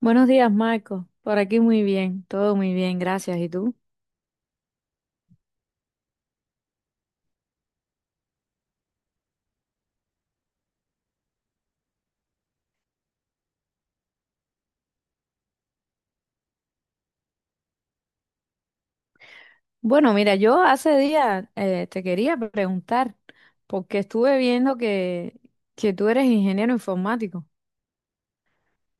Buenos días, Marco. Por aquí muy bien, todo muy bien, gracias. ¿Y tú? Bueno, mira, yo hace días te quería preguntar, porque estuve viendo que tú eres ingeniero informático.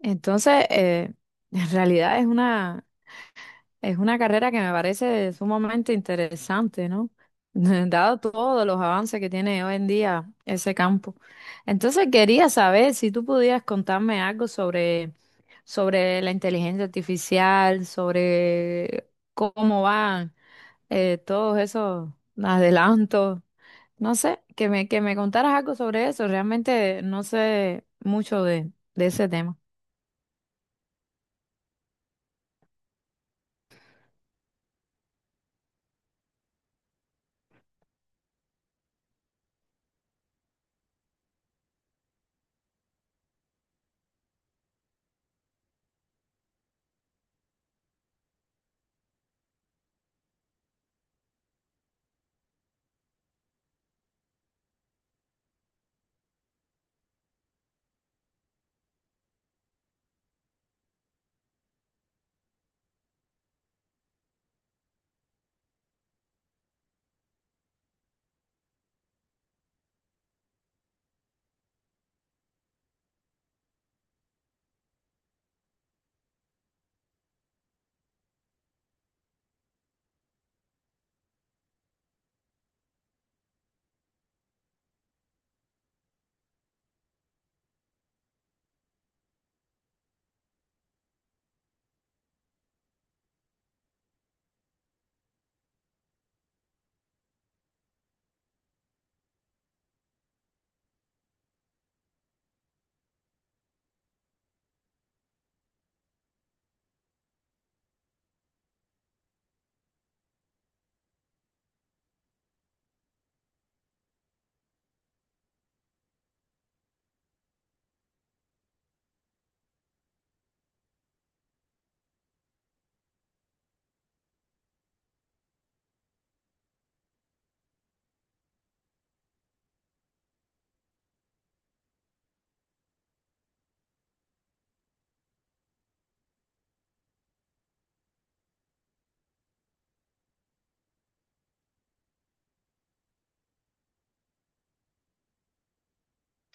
Entonces, en realidad es una carrera que me parece sumamente interesante, ¿no? Dado todos los avances que tiene hoy en día ese campo. Entonces quería saber si tú pudieras contarme algo sobre la inteligencia artificial, sobre cómo van todos esos adelantos. No sé, que me contaras algo sobre eso. Realmente no sé mucho de ese tema.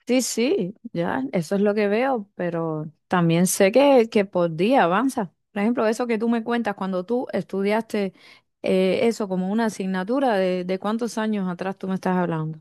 Sí, sí, ya, eso es lo que veo, pero también sé que por día avanza. Por ejemplo, eso que tú me cuentas cuando tú estudiaste eso como una asignatura, de cuántos años atrás tú me estás hablando?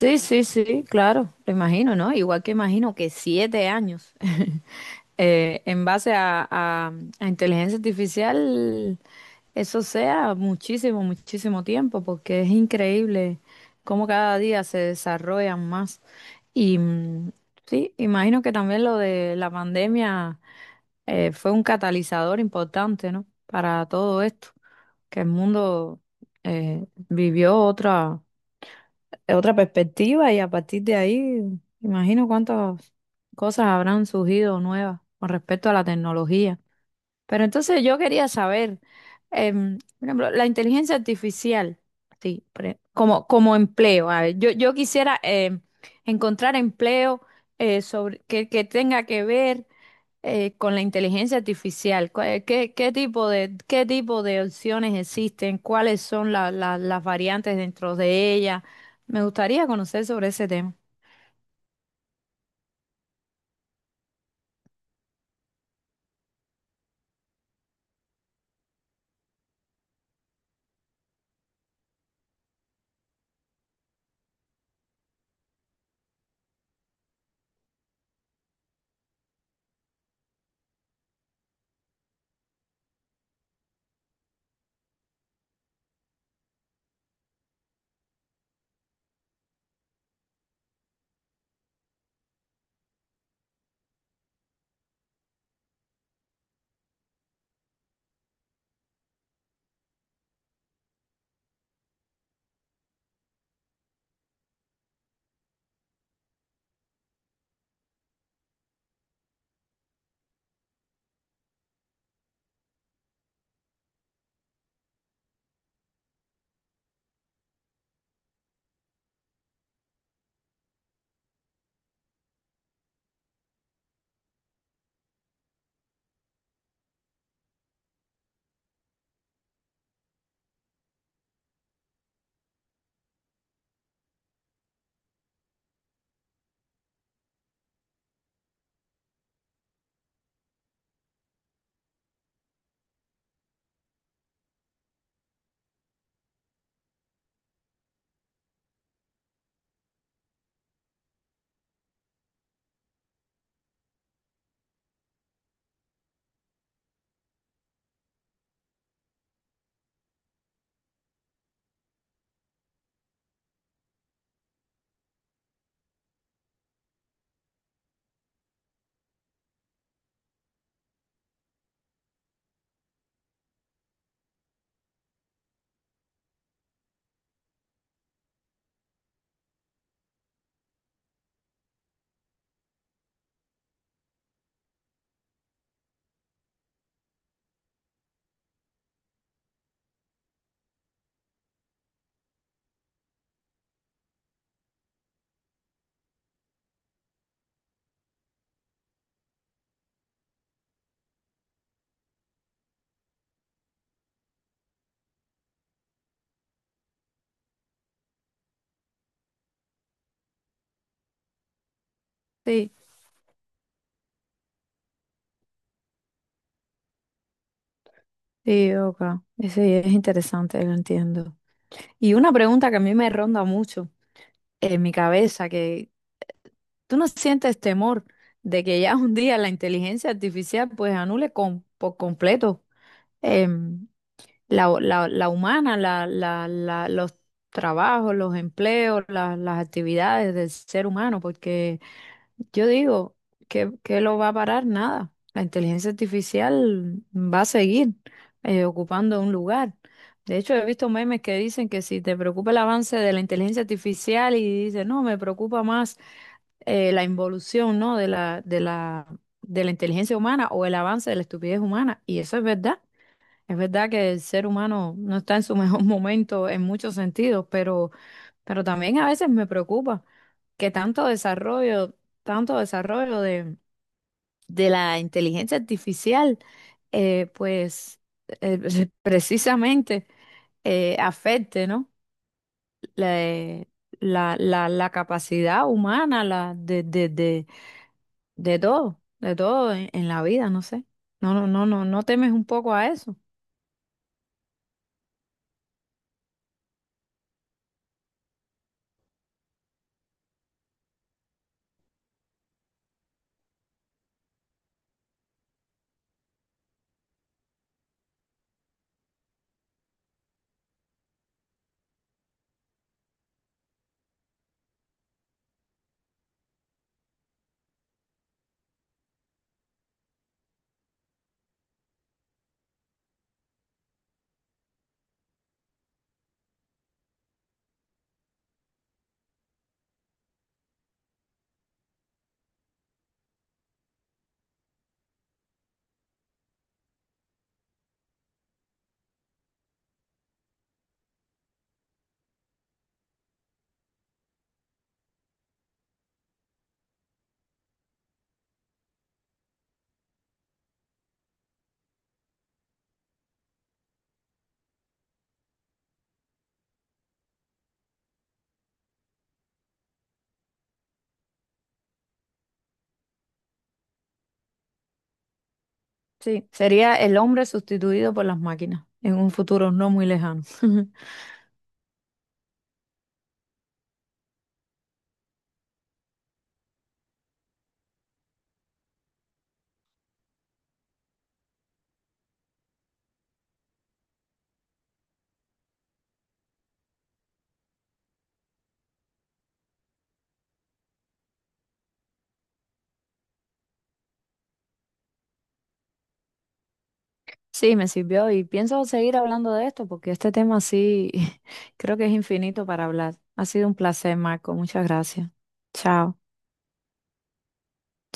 Sí, sí, sí, claro, lo imagino, ¿no? Igual que imagino que 7 años en base a inteligencia artificial. Eso sea muchísimo, muchísimo tiempo, porque es increíble cómo cada día se desarrollan más. Y mm, sí, imagino que también lo de la pandemia fue un catalizador importante, ¿no? Para todo esto, que el mundo vivió otra perspectiva y a partir de ahí, imagino cuántas cosas habrán surgido nuevas con respecto a la tecnología. Pero entonces yo quería saber, por ejemplo, la inteligencia artificial, sí, como, como empleo. A ver, yo quisiera encontrar empleo que tenga que ver con la inteligencia artificial. ¿Qué, qué tipo de opciones existen? ¿Cuáles son las variantes dentro de ella? Me gustaría conocer sobre ese tema. Sí, sí, ok. Sí, es interesante, lo entiendo. Y una pregunta que a mí me ronda mucho en mi cabeza, que tú no sientes temor de que ya un día la inteligencia artificial pues anule con, por completo em, la, la humana, la, los trabajos, los empleos, las actividades del ser humano, porque yo digo que lo va a parar nada. La inteligencia artificial va a seguir ocupando un lugar. De hecho, he visto memes que dicen que si te preocupa el avance de la inteligencia artificial y dices, no, me preocupa más la involución, ¿no? de de la inteligencia humana o el avance de la estupidez humana. Y eso es verdad. Es verdad que el ser humano no está en su mejor momento en muchos sentidos, pero también a veces me preocupa que tanto desarrollo de la inteligencia artificial, eh, pues precisamente afecte, ¿no? La, eh, la capacidad humana de de todo en la vida, no sé. No, no, no, no, no temes un poco a eso. Sí, sería el hombre sustituido por las máquinas en un futuro no muy lejano. Sí, me sirvió y pienso seguir hablando de esto porque este tema sí creo que es infinito para hablar. Ha sido un placer, Marco. Muchas gracias. Chao.